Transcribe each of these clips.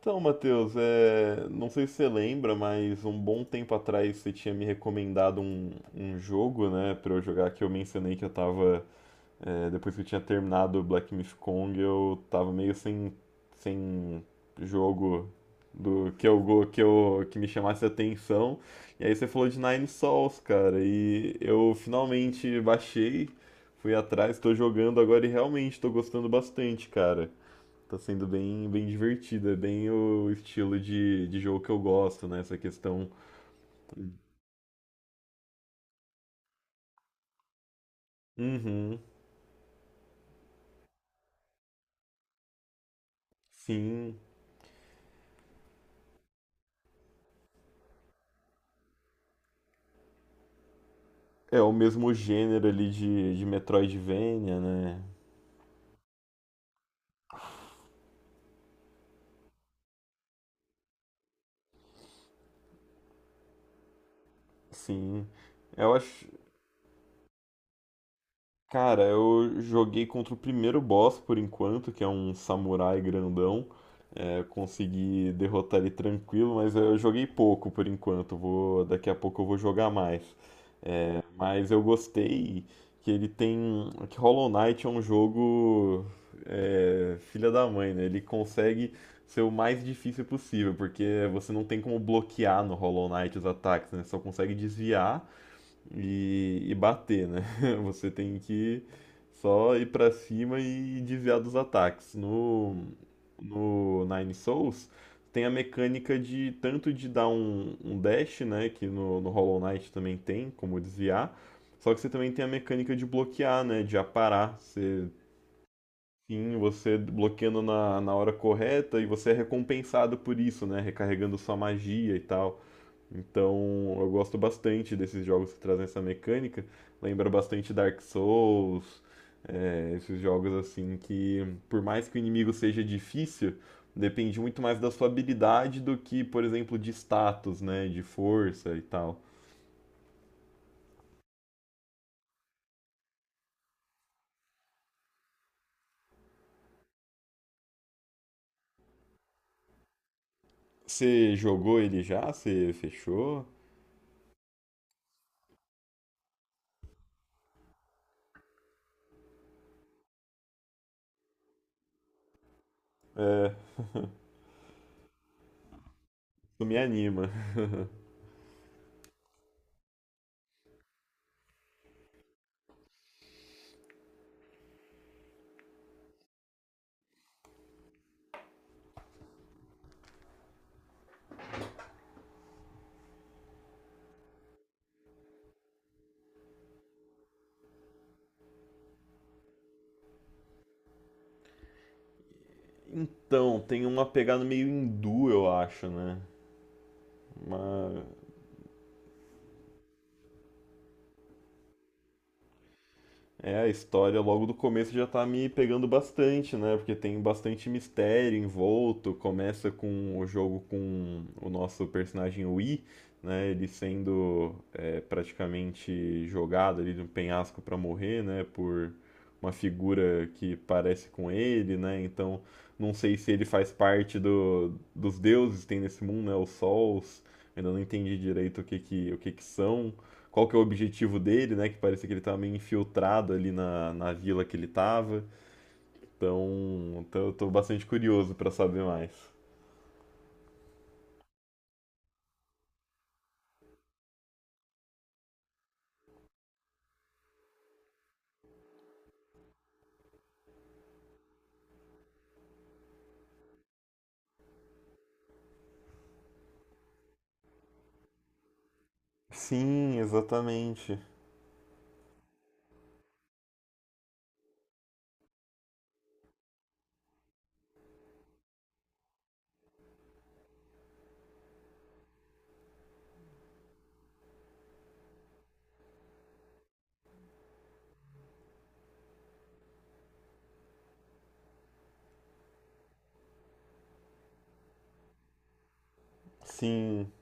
Então, Matheus, não sei se você lembra, mas um bom tempo atrás você tinha me recomendado um jogo, né, pra eu jogar, que eu mencionei que eu tava, depois que eu tinha terminado o Black Myth Kong, eu tava meio sem, sem jogo do que que eu que me chamasse a atenção. E aí você falou de Nine Sols, cara, e eu finalmente baixei, fui atrás, tô jogando agora e realmente tô gostando bastante, cara. Tá sendo bem divertido, é bem o estilo de jogo que eu gosto, né? Essa questão. Uhum, sim. É o mesmo gênero ali de Metroidvania, né? Sim. Eu acho. Cara, eu joguei contra o primeiro boss por enquanto, que é um samurai grandão. É, consegui derrotar ele tranquilo, mas eu joguei pouco por enquanto. Vou, daqui a pouco eu vou jogar mais. Mas eu gostei que ele tem. Que Hollow Knight é um jogo. Filha da mãe, né? Ele consegue ser o mais difícil possível, porque você não tem como bloquear no Hollow Knight os ataques, né? Só consegue desviar e bater, né? Você tem que só ir pra cima e desviar dos ataques. No, no Nine Souls tem a mecânica de tanto de dar um dash, né? Que no Hollow Knight também tem, como desviar. Só que você também tem a mecânica de bloquear, né? De aparar. Você, sim, você bloqueando na hora correta e você é recompensado por isso, né? Recarregando sua magia e tal. Então eu gosto bastante desses jogos que trazem essa mecânica. Lembra bastante Dark Souls, esses jogos assim que, por mais que o inimigo seja difícil, depende muito mais da sua habilidade do que, por exemplo, de status, né? De força e tal. Você jogou ele já? Você fechou? Isso me anima. Então, tem uma pegada meio hindu, eu acho, né? Uma... É, a história logo do começo já tá me pegando bastante, né? Porque tem bastante mistério envolto. Começa com o jogo com o nosso personagem Wii, né? Ele sendo praticamente jogado ali de um penhasco pra morrer, né? Por uma figura que parece com ele, né? Então, não sei se ele faz parte dos deuses que tem nesse mundo, né? Os sols. Ainda não entendi direito o que que são, qual que é o objetivo dele, né? Que parecia que ele estava meio infiltrado ali na vila que ele estava. Então eu tô bastante curioso para saber mais. Sim, exatamente. Sim.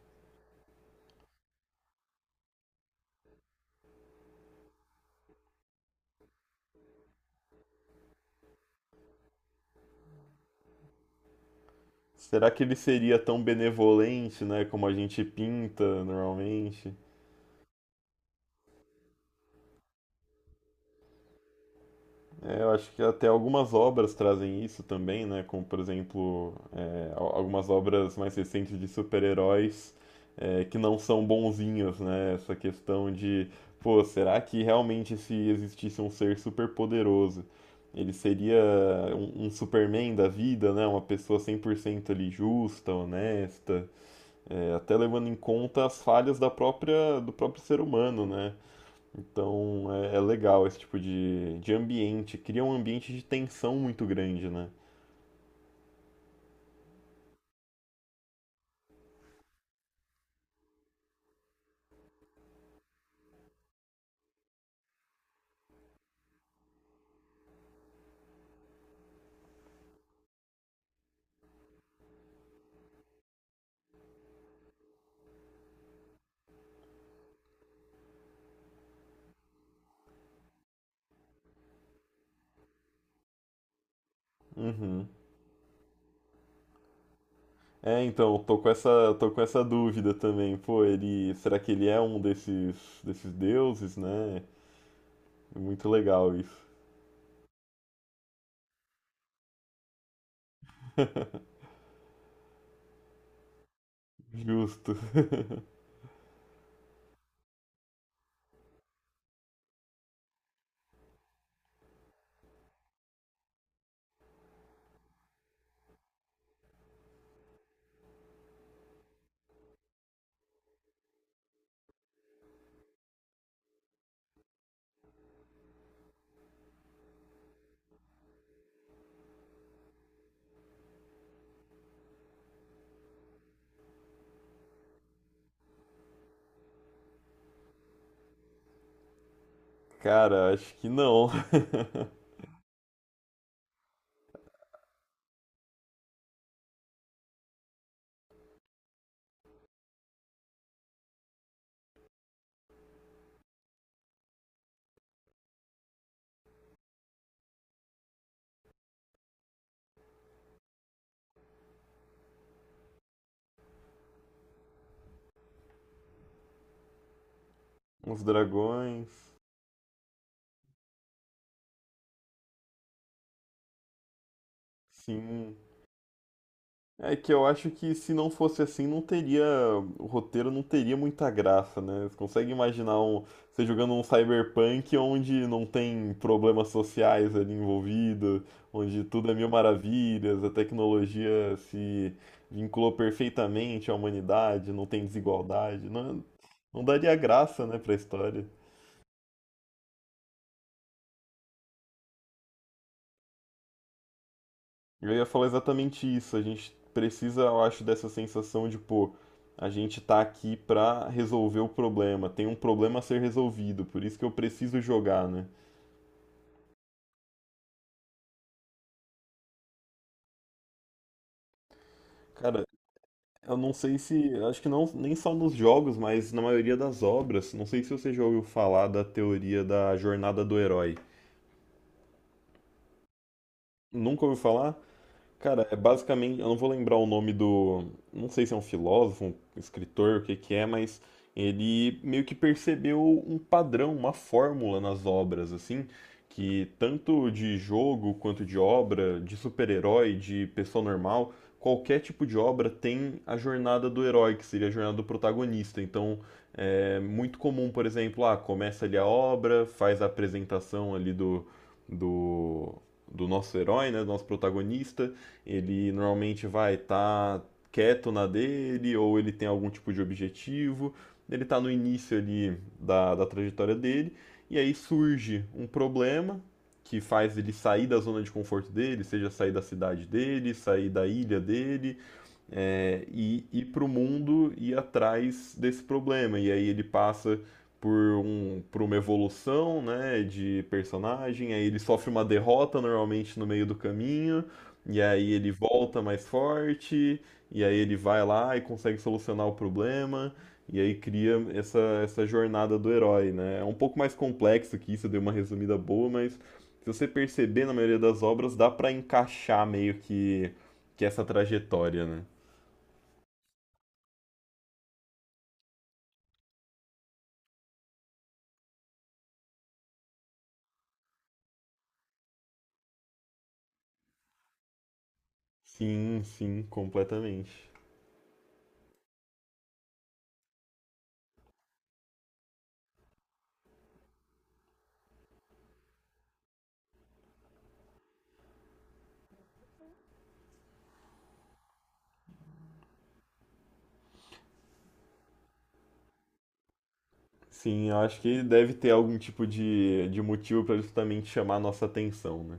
Será que ele seria tão benevolente, né, como a gente pinta normalmente? É, eu acho que até algumas obras trazem isso também, né? Como, por exemplo, algumas obras mais recentes de super-heróis, que não são bonzinhos, né? Essa questão de, pô, será que realmente se existisse um ser super-poderoso, ele seria um Superman da vida, né? Uma pessoa 100% ali justa, honesta, até levando em conta as falhas da própria, do próprio ser humano, né? Então é legal esse tipo de ambiente, cria um ambiente de tensão muito grande, né? Uhum. É, então, eu tô com essa dúvida também. Pô, ele, será que ele é um desses, desses deuses, né? É muito legal isso. Justo. Cara, acho que não. Os dragões, sim. É que eu acho que se não fosse assim, não teria. O roteiro não teria muita graça, né? Você consegue imaginar um, você jogando um cyberpunk onde não tem problemas sociais ali envolvido, onde tudo é mil maravilhas, a tecnologia se vinculou perfeitamente à humanidade, não tem desigualdade. Não, não daria graça, né, pra história. Eu ia falar exatamente isso. A gente precisa, eu acho, dessa sensação de, pô, a gente tá aqui pra resolver o problema. Tem um problema a ser resolvido, por isso que eu preciso jogar, né? Cara, eu não sei se, acho que não, nem só nos jogos, mas na maioria das obras. Não sei se você já ouviu falar da teoria da jornada do herói. Nunca ouviu falar? Cara, é basicamente, eu não vou lembrar o nome do, não sei se é um filósofo, um escritor, o que que é, mas ele meio que percebeu um padrão, uma fórmula nas obras, assim, que tanto de jogo quanto de obra, de super-herói, de pessoa normal, qualquer tipo de obra tem a jornada do herói, que seria a jornada do protagonista. Então, é muito comum, por exemplo, ah, começa ali a obra, faz a apresentação ali do, do nosso herói, né, do nosso protagonista, ele normalmente vai estar tá quieto na dele, ou ele tem algum tipo de objetivo, ele está no início ali da trajetória dele, e aí surge um problema que faz ele sair da zona de conforto dele, seja sair da cidade dele, sair da ilha dele, é, e ir para o mundo e ir atrás desse problema. E aí ele passa por, um, por uma evolução né, de personagem, aí ele sofre uma derrota normalmente no meio do caminho, e aí ele volta mais forte, e aí ele vai lá e consegue solucionar o problema, e aí cria essa, essa jornada do herói. Né? É um pouco mais complexo que isso, eu dei uma resumida boa, mas se você perceber na maioria das obras, dá para encaixar meio que essa trajetória. Né? Sim, sim, completamente. Sim, eu acho que deve ter algum tipo de motivo para justamente chamar a nossa atenção, né?